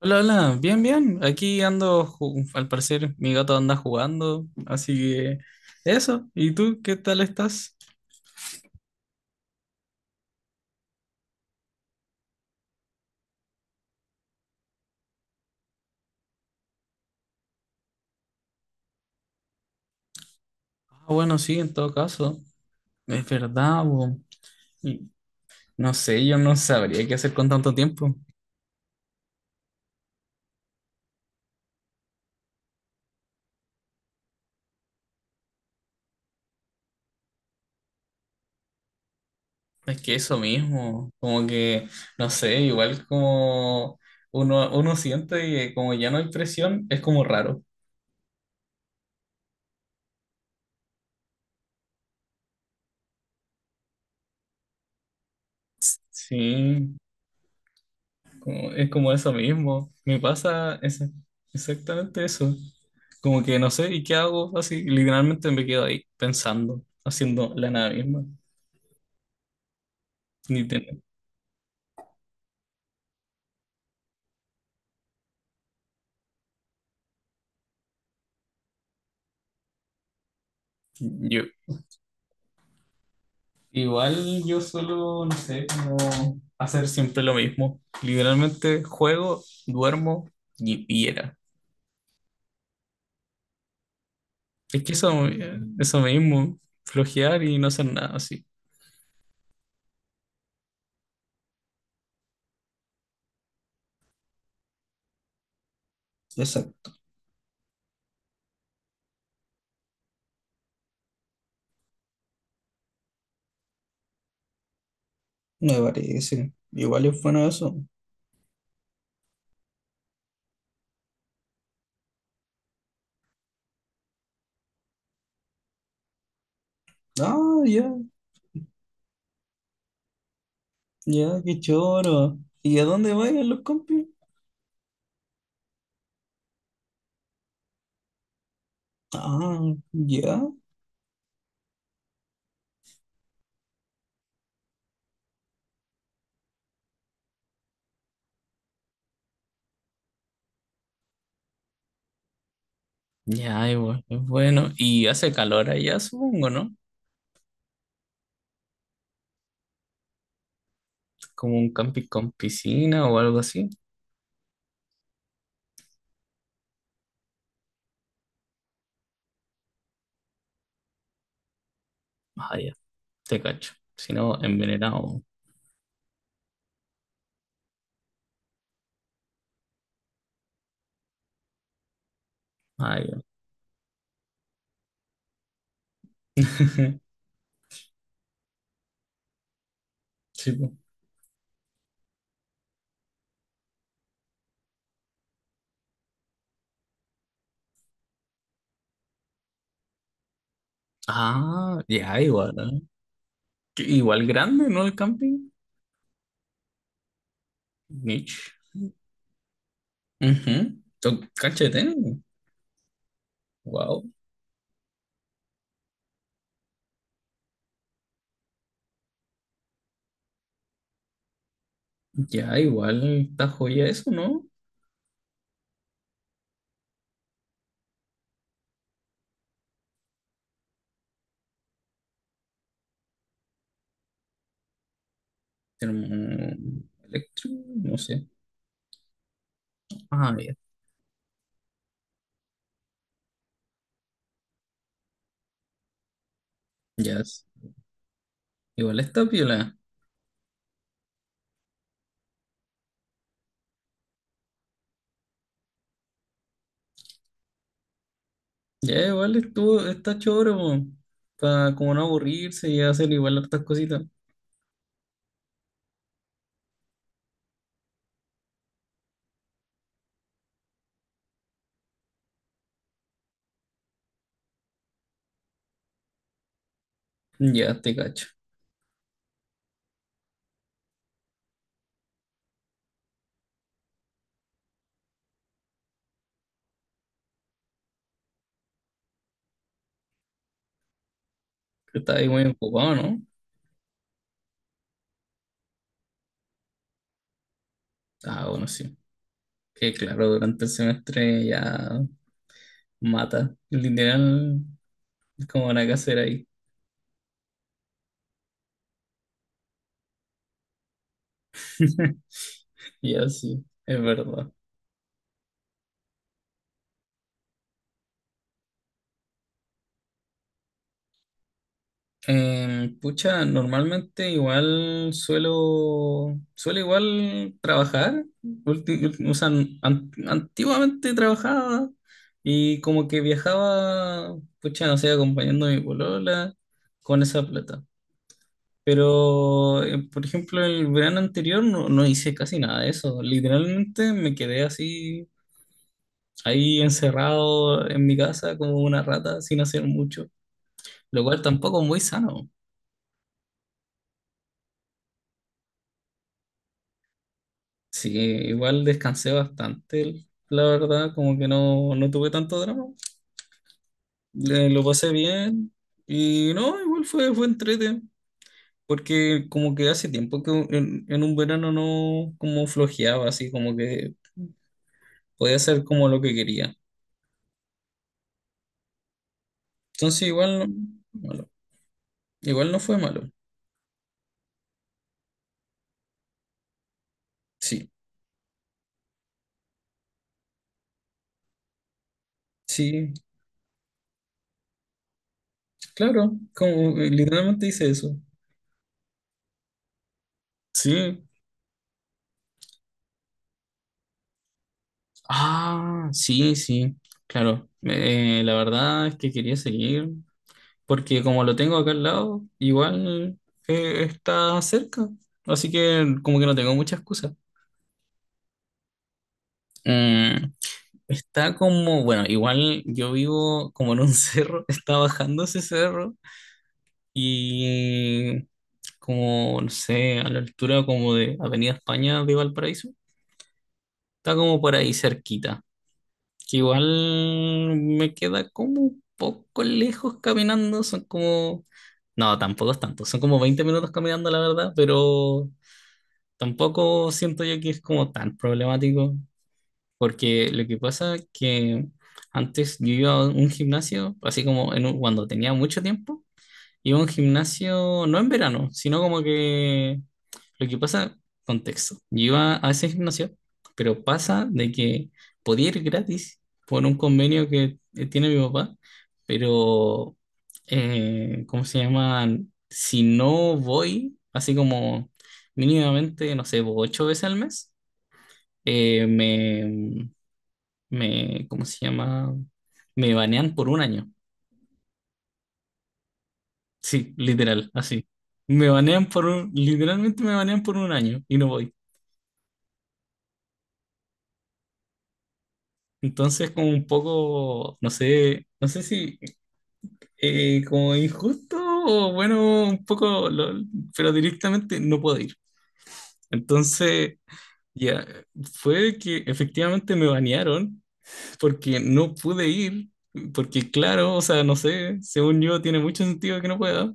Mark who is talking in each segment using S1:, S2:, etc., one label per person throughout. S1: Hola, hola, bien, bien. Aquí ando, al parecer mi gato anda jugando, así que eso. ¿Y tú qué tal estás? Ah, bueno, sí, en todo caso. Es verdad, bo. Y No sé, yo no sabría qué hacer con tanto tiempo. Es que eso mismo, como que, no sé, igual como uno siente que como ya no hay presión, es como raro. Sí. Es como eso mismo. Exactamente eso. Como que no sé, ¿y qué hago? Así, literalmente me quedo ahí pensando, haciendo la nada misma. Ni ten- yo. Igual yo solo, no sé, como hacer siempre lo mismo. Literalmente juego, duermo y era. Es que eso mismo, flojear y no hacer nada así. Exacto, me parece. Igual es bueno eso. Ah, ya. Ya, qué choro. ¿Y a dónde vayan los compis? Ah, ya. Ya, y es bueno. Y hace calor allá, supongo, ¿no? Como un camping con piscina o algo así. Ah, ya, te cacho. Si no, envenenado. Ah, ya. Sí, po. Ah, ya, igual, ¿eh? Que igual grande, ¿no? El camping. Niche. Ujú. Cachete. Wow. Ya, igual está joya eso, ¿no? Electro, no sé. Ah, ya. Ya, igual está piola. Ya, igual estuvo, está choro, para como no aburrirse y hacer igual hartas cositas. Ya, te cacho. Está ahí muy ocupado, ¿no? Ah, bueno, sí. Que claro, durante el semestre ya mata. Literal, es como una casera ahí. Ya, sí, es verdad. Pucha, normalmente igual suelo igual trabajar. O sea, antiguamente trabajaba y como que viajaba, pucha, no sé, acompañando a mi polola con esa plata. Pero, por ejemplo, el verano anterior no hice casi nada de eso. Literalmente me quedé así, ahí encerrado en mi casa como una rata sin hacer mucho, lo cual tampoco es muy sano. Sí, igual descansé bastante, la verdad, como que no tuve tanto drama. Lo pasé bien y no, igual fue, entrete, porque como que hace tiempo que en un verano no como flojeaba, así como que podía hacer como lo que quería. Entonces igual no, malo. Igual no fue malo. Sí, sí, claro, como literalmente hice eso. Sí. Ah, sí, sí, claro. La verdad es que quería seguir, porque como lo tengo acá al lado, igual está cerca, así que como que no tengo mucha excusa. Mm, está como, bueno, igual yo vivo como en un cerro, está bajando ese cerro y como, no sé, a la altura como de Avenida España de Valparaíso, está como por ahí cerquita, que igual me queda como un poco lejos caminando, son como... No, tampoco es tanto. Son como 20 minutos caminando, la verdad, pero tampoco siento yo que es como tan problemático, porque lo que pasa es que antes yo iba a un gimnasio, así como cuando tenía mucho tiempo. Iba a un gimnasio, no en verano, sino como que lo que pasa, contexto. Yo iba a ese gimnasio, pero pasa de que podía ir gratis por un convenio que tiene mi papá, pero, ¿cómo se llama? Si no voy, así como mínimamente, no sé, ocho veces al mes, eh, me, me, ¿cómo se llama? Me banean por un año. Sí, literal, así. Me banean por un, literalmente me banean por un año y no voy. Entonces, como un poco, no sé si como injusto o bueno, un poco, pero directamente no puedo ir. Entonces, ya, fue que efectivamente me banearon porque no pude ir, porque claro, o sea, no sé, según yo tiene mucho sentido que no pueda.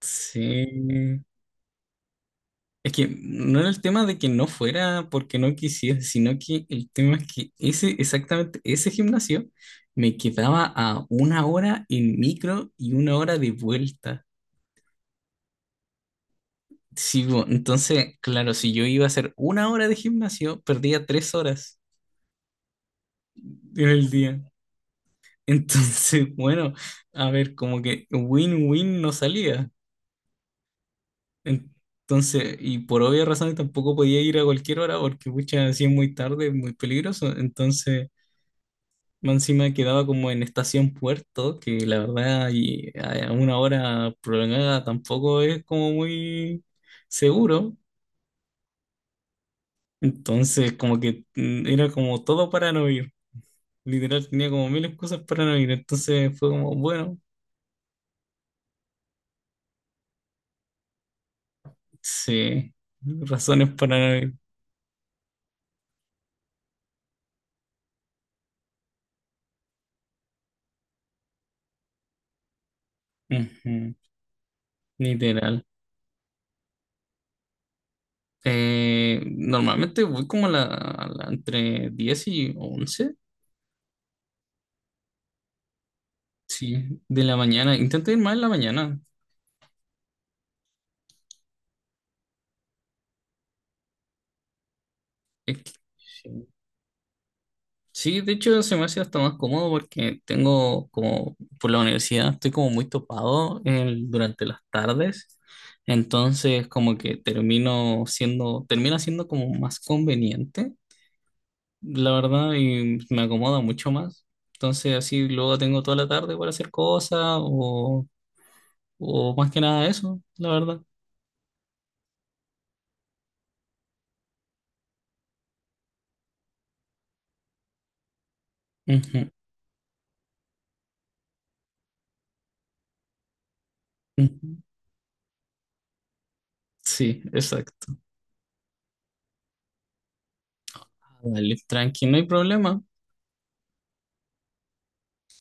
S1: Sí. Es que no era el tema de que no fuera porque no quisiera, sino que el tema es que ese, exactamente ese gimnasio me quedaba a una hora en micro y una hora de vuelta. Sí, entonces, claro, si yo iba a hacer una hora de gimnasio, perdía 3 horas en el día. Entonces, bueno, a ver, como que win-win no salía. Entonces, y por obvias razones tampoco podía ir a cualquier hora porque, pucha, así es muy tarde, es muy peligroso. Entonces... Más encima quedaba como en Estación Puerto, que la verdad y a una hora prolongada tampoco es como muy seguro. Entonces como que era como todo para no ir. Literal tenía como mil excusas para no ir. Entonces fue como, bueno, sí, razones para no ir. Ujú, literal. Normalmente voy como entre 10 y 11. Sí, de la mañana. Intento ir más en la mañana. Es que, sí. Sí, de hecho se me hace hasta más cómodo porque tengo como por la universidad estoy como muy topado durante las tardes, entonces como que termino siendo, termina siendo como más conveniente, la verdad, y me acomoda mucho más. Entonces así luego tengo toda la tarde para hacer cosas o más que nada eso, la verdad. Ujú, ujú. Sí, exacto. Dale, tranqui, no hay problema.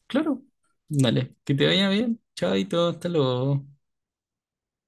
S1: Claro. Dale, que te vaya bien. Chaito, hasta luego.